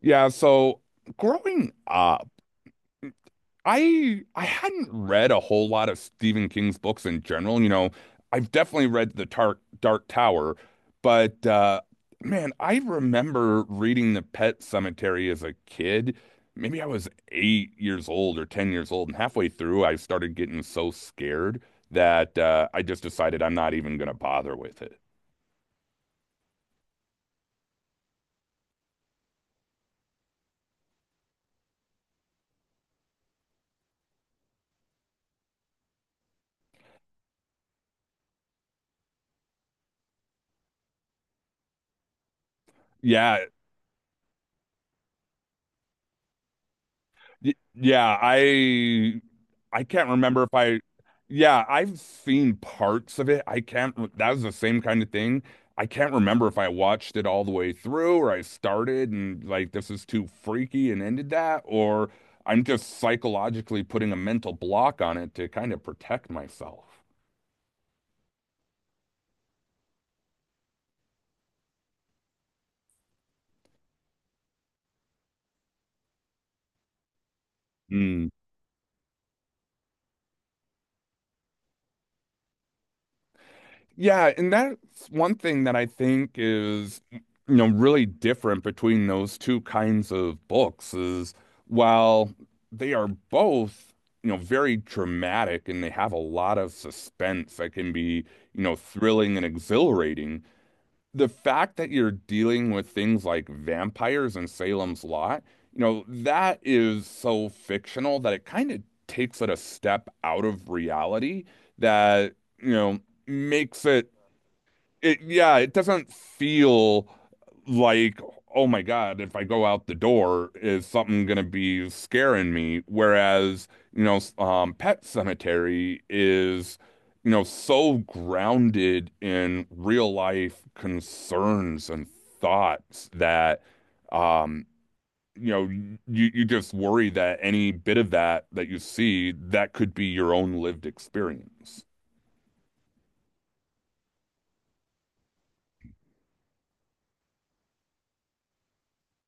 Yeah, so growing up, I hadn't read a whole lot of Stephen King's books in general. I've definitely read The Dark Tower, but man, I remember reading The Pet Cemetery as a kid. Maybe I was 8 years old or 10 years old, and halfway through I started getting so scared that I just decided I'm not even gonna bother with it. Yeah. Yeah, I can't remember if I, yeah, I've seen parts of it. I can't. That was the same kind of thing. I can't remember if I watched it all the way through, or I started and like this is too freaky and ended that, or I'm just psychologically putting a mental block on it to kind of protect myself. Hmm. Yeah, and that's one thing that I think is, really different between those two kinds of books is while they are both, very dramatic and they have a lot of suspense that can be, thrilling and exhilarating. The fact that you're dealing with things like vampires and Salem's Lot, that is so fictional that it kind of takes it a step out of reality that, you know, makes it. It, yeah, it doesn't feel like oh my God, if I go out the door, is something gonna be scaring me? Whereas, Pet Cemetery is, so grounded in real life concerns and thoughts that, um, you just worry that any bit of that that you see that could be your own lived experience.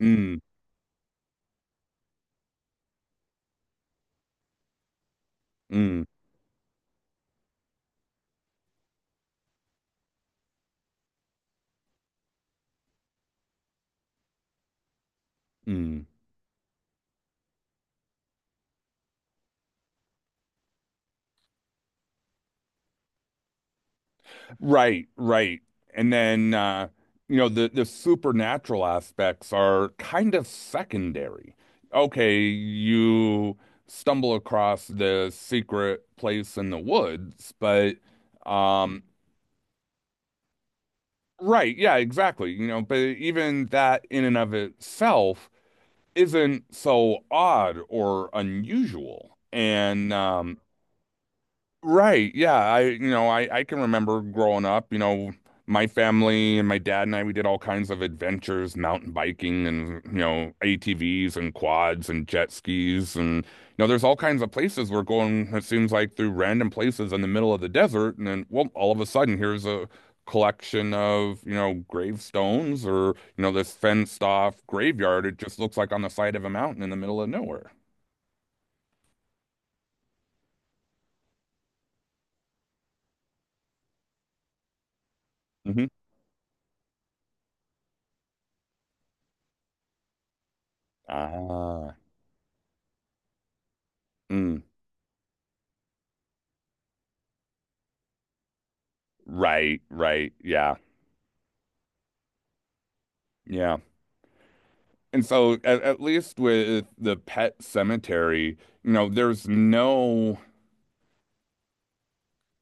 Mm, mm, mm. Right, right. And then the supernatural aspects are kind of secondary. Okay, you stumble across the secret place in the woods, but um right, yeah, exactly. But even that in and of itself isn't so odd or unusual. And. Right. Yeah. I, I can remember growing up, my family and my dad and I, we did all kinds of adventures, mountain biking and, ATVs and quads and jet skis. And, there's all kinds of places we're going, it seems like, through random places in the middle of the desert. And then, well, all of a sudden, here's a collection of, gravestones, or, this fenced off graveyard. It just looks like on the side of a mountain in the middle of nowhere. Mm-hmm. Ah. Mm. Right, right. Yeah. Yeah. And so at least with the Pet Cemetery, there's no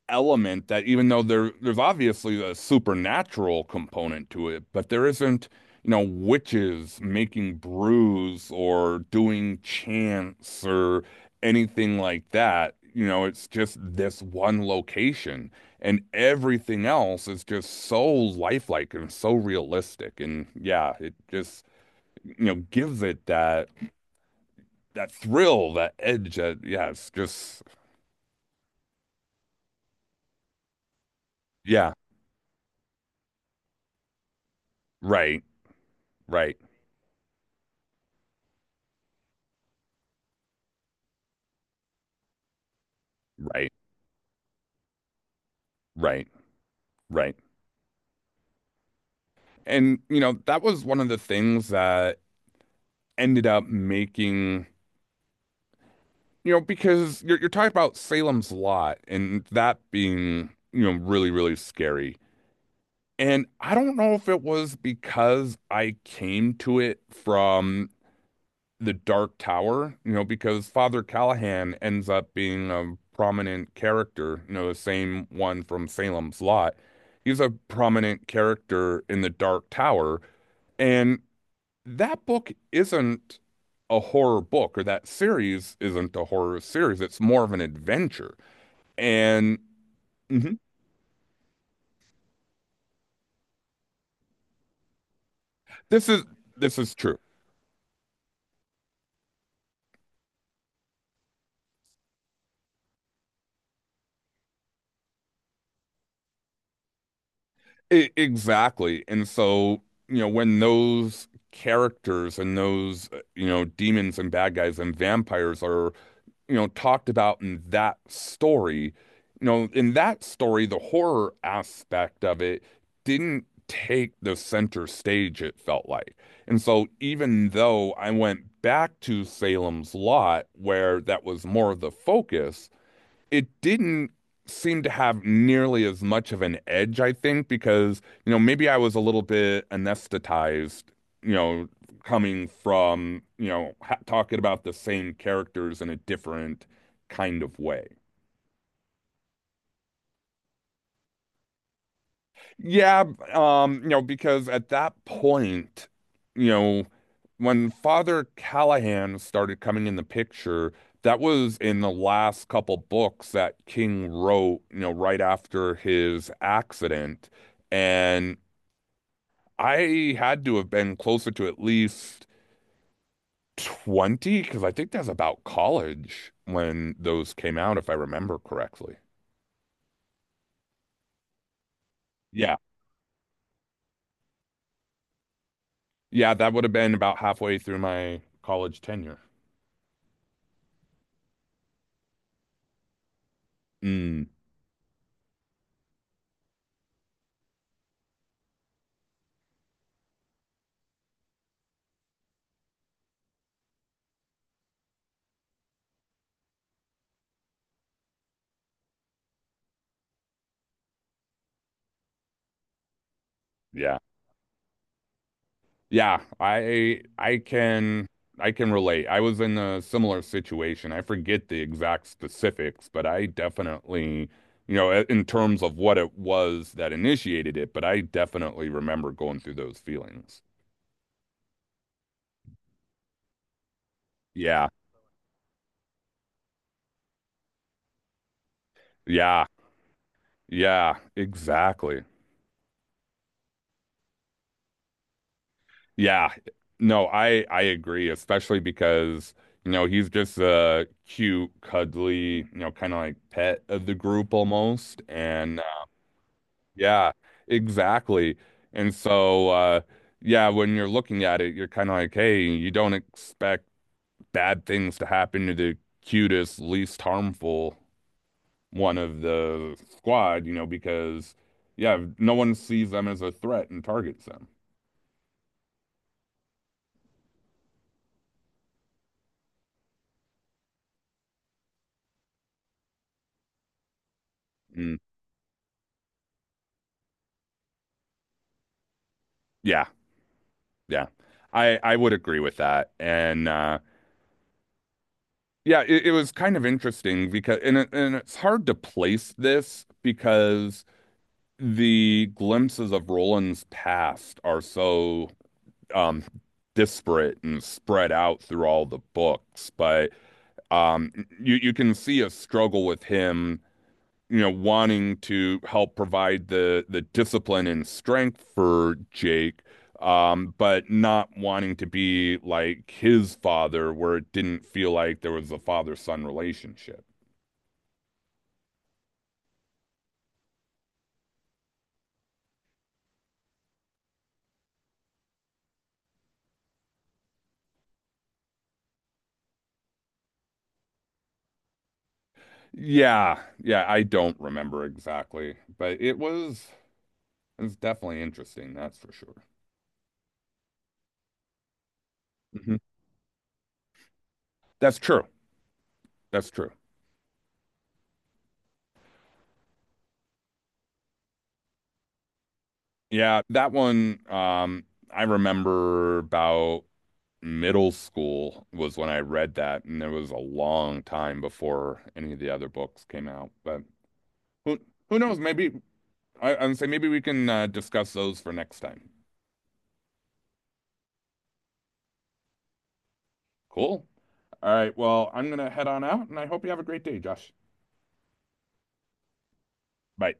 element that, even though there's obviously a supernatural component to it, but there isn't, witches making brews or doing chants or anything like that. It's just this one location, and everything else is just so lifelike and so realistic. And yeah, it just gives it that that thrill, that edge. That, yeah, just yeah, right, right, right, right, right. And that was one of the things that ended up making, because you're talking about Salem's Lot and that being, really really scary. And I don't know if it was because I came to it from the Dark Tower, because Father Callahan ends up being a prominent character, the same one from Salem's Lot. He's a prominent character in the Dark Tower. And that book isn't a horror book, or that series isn't a horror series. It's more of an adventure. And mhm, this is this is true. Exactly. And so, when those characters and those, demons and bad guys and vampires are, talked about in that story, in that story, the horror aspect of it didn't take the center stage, it felt like. And so, even though I went back to Salem's Lot, where that was more of the focus, it didn't seem to have nearly as much of an edge, I think, because, maybe I was a little bit anesthetized, you know, coming from, ha talking about the same characters in a different kind of way. Yeah, because at that point, you know, when Father Callahan started coming in the picture, that was in the last couple books that King wrote, right after his accident. And I had to have been closer to at least 20, because I think that's about college when those came out, if I remember correctly. Yeah. Yeah, that would have been about halfway through my college tenure. Mm, yeah. Yeah, I can relate. I was in a similar situation. I forget the exact specifics, but I definitely, in terms of what it was that initiated it, but I definitely remember going through those feelings. Yeah. Yeah. Yeah, exactly. Yeah. No, I agree, especially because, he's just a cute, cuddly, kind of like pet of the group almost. And yeah, exactly. And so, yeah, when you're looking at it, you're kind of like, hey, you don't expect bad things to happen to the cutest, least harmful one of the squad, because, yeah, no one sees them as a threat and targets them. Mm, yeah, yeah. I would agree with that. And, yeah, it was kind of interesting because, and it's hard to place this, because the glimpses of Roland's past are so um disparate and spread out through all the books, but um you can see a struggle with him, wanting to help provide the discipline and strength for Jake. But not wanting to be like his father, where it didn't feel like there was a father-son relationship. Yeah, yeah, I don't remember exactly, but it was. It's definitely interesting, that's for sure. Hmm. That's true. That's true. Yeah, that one, I remember about middle school was when I read that, and it was a long time before any of the other books came out. But who who knows? Maybe, I'm say maybe we can discuss those for next time. Cool. All right. Well, I'm gonna head on out, and I hope you have a great day, Josh. Bye.